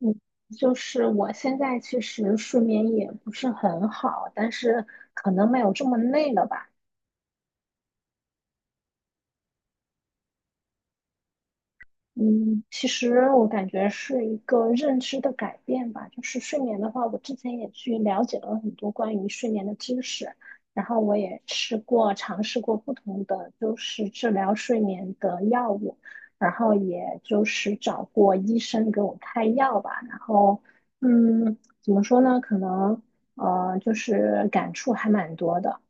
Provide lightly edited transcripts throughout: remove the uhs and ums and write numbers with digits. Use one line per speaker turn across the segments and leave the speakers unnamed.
嗯，就是我现在其实睡眠也不是很好，但是可能没有这么累了吧。嗯，其实我感觉是一个认知的改变吧。就是睡眠的话，我之前也去了解了很多关于睡眠的知识，然后我也吃过、尝试过不同的就是治疗睡眠的药物，然后也就是找过医生给我开药吧。然后，嗯，怎么说呢？可能就是感触还蛮多的。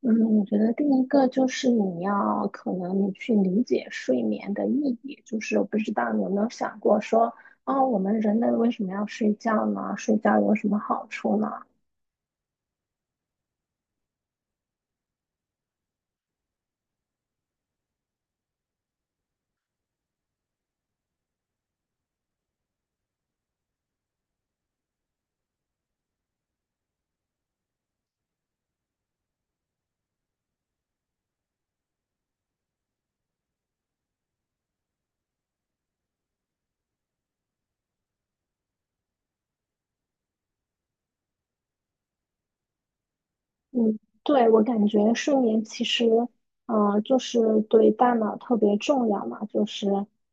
嗯，我觉得第一个就是你要可能你去理解睡眠的意义，就是我不知道你有没有想过说，啊，我们人类为什么要睡觉呢？睡觉有什么好处呢？嗯，对，我感觉睡眠其实，就是对大脑特别重要嘛，就是，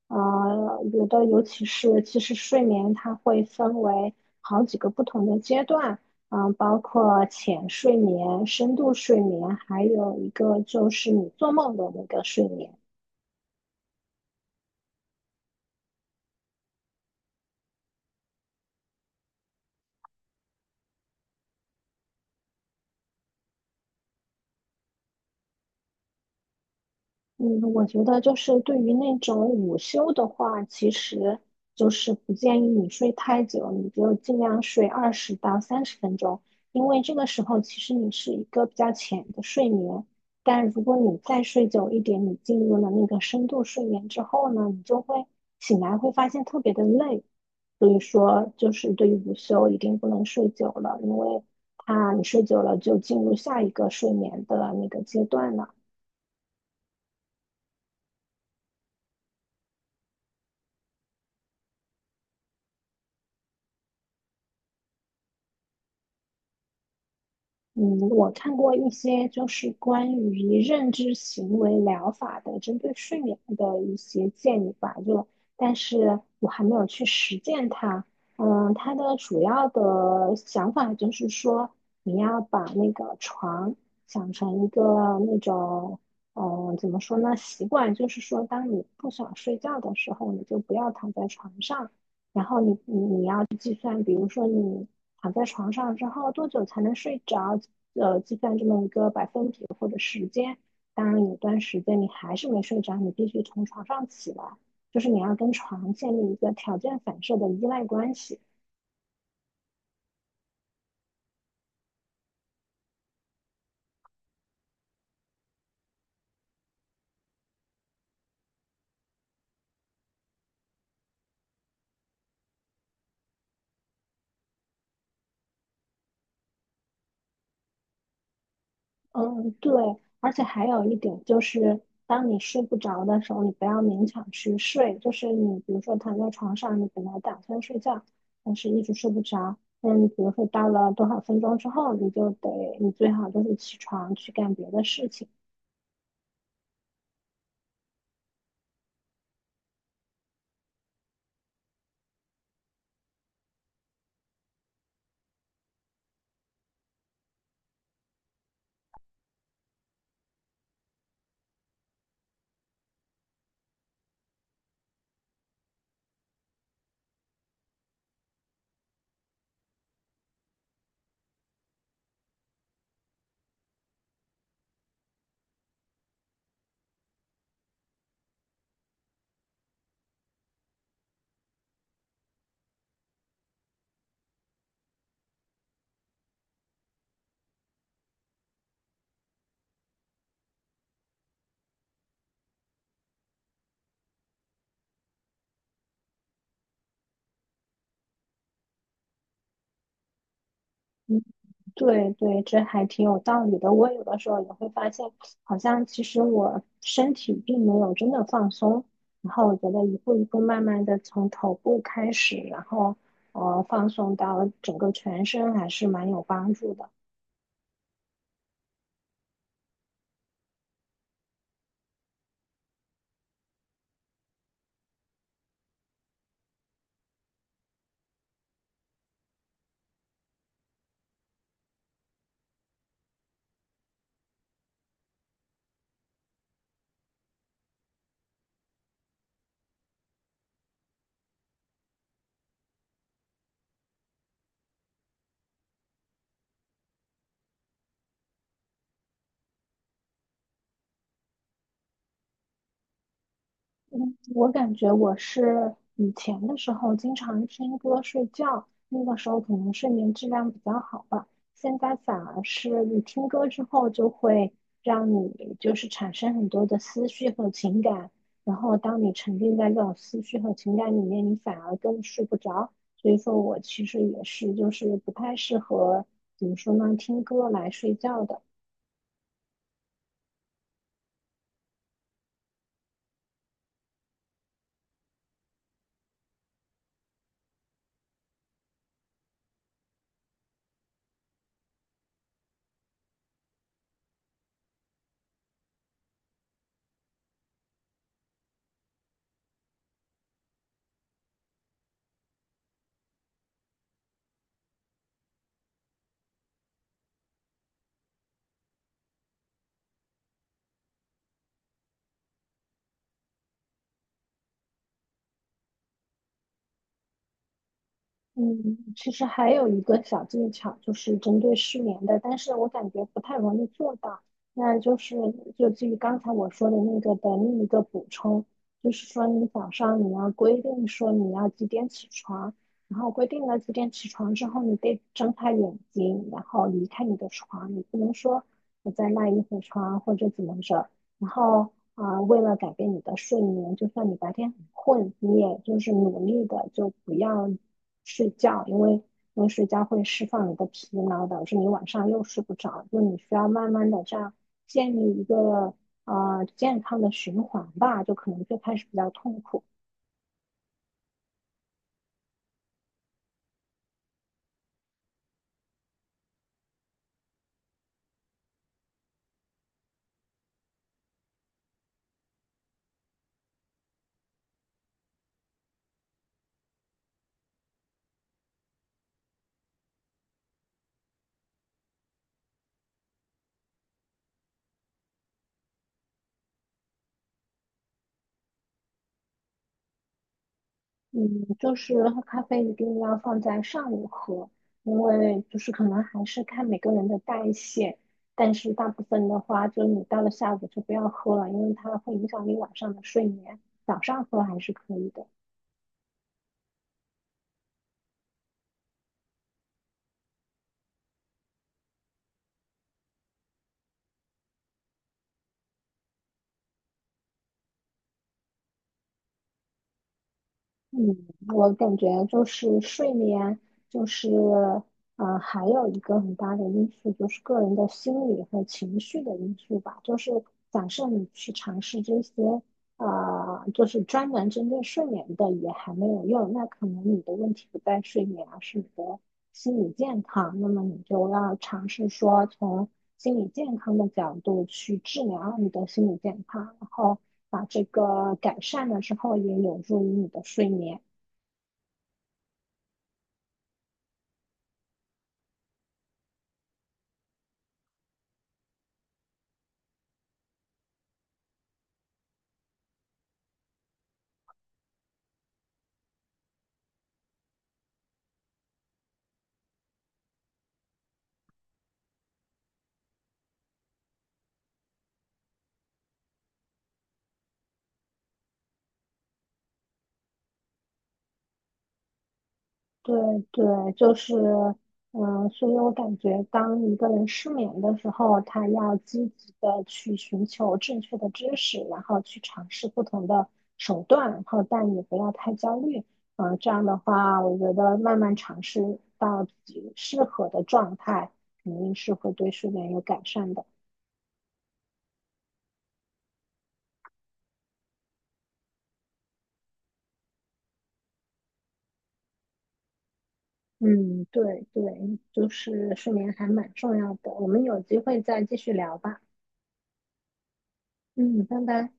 有的尤其是其实睡眠它会分为好几个不同的阶段，嗯、包括浅睡眠、深度睡眠，还有一个就是你做梦的那个睡眠。嗯，我觉得就是对于那种午休的话，其实就是不建议你睡太久，你就尽量睡20到30分钟，因为这个时候其实你是一个比较浅的睡眠。但如果你再睡久一点，你进入了那个深度睡眠之后呢，你就会醒来会发现特别的累。所以说，就是对于午休一定不能睡久了，因为它你睡久了就进入下一个睡眠的那个阶段了。嗯，我看过一些就是关于认知行为疗法的，针对睡眠的一些建议吧，就，但是我还没有去实践它。嗯，它的主要的想法就是说，你要把那个床想成一个那种，嗯，怎么说呢，习惯，就是说，当你不想睡觉的时候，你就不要躺在床上。然后你要计算，比如说你躺在床上之后多久才能睡着，计算这么一个百分比或者时间。当然，有段时间你还是没睡着，你必须从床上起来，就是你要跟床建立一个条件反射的依赖关系。嗯，对，而且还有一点就是，当你睡不着的时候，你不要勉强去睡。就是你比如说躺在床上，你本来打算睡觉，但是一直睡不着。那你比如说到了多少分钟之后，你就得，你最好就是起床去干别的事情。嗯，对对，这还挺有道理的。我有的时候也会发现，好像其实我身体并没有真的放松。然后我觉得一步一步慢慢的从头部开始，然后放松到整个全身，还是蛮有帮助的。嗯，我感觉我是以前的时候经常听歌睡觉，那个时候可能睡眠质量比较好吧。现在反而是你听歌之后，就会让你就是产生很多的思绪和情感，然后当你沉浸在这种思绪和情感里面，你反而更睡不着。所以说我其实也是就是不太适合怎么说呢，听歌来睡觉的。嗯，其实还有一个小技巧，就是针对失眠的，但是我感觉不太容易做到。那就是就基于刚才我说的那个的另一个补充，就是说你早上你要规定说你要几点起床，然后规定了几点起床之后，你得睁开眼睛，然后离开你的床，你不能说我在赖一会儿床或者怎么着，然后啊，为了改变你的睡眠，就算你白天很困，你也就是努力的就不要睡觉，因为睡觉会释放你的疲劳，导致你晚上又睡不着。就你需要慢慢的这样建立一个啊健康的循环吧，就可能最开始比较痛苦，嗯，就是喝咖啡一定要放在上午喝，因为就是可能还是看每个人的代谢，但是大部分的话，就你到了下午就不要喝了，因为它会影响你晚上的睡眠。早上喝还是可以的。嗯，我感觉就是睡眠，就是还有一个很大的因素就是个人的心理和情绪的因素吧。就是假设你去尝试这些，就是专门针对睡眠的也还没有用，那可能你的问题不在睡眠，而是你的心理健康。那么你就要尝试说从心理健康的角度去治疗你的心理健康，然后把这个改善了之后，也有助于你的睡眠。对对，就是，嗯、所以我感觉，当一个人失眠的时候，他要积极的去寻求正确的知识，然后去尝试不同的手段，然后但也不要太焦虑。嗯、这样的话，我觉得慢慢尝试到自己适合的状态，肯定是会对睡眠有改善的。嗯，对对，就是睡眠还蛮重要的。我们有机会再继续聊吧。嗯，拜拜。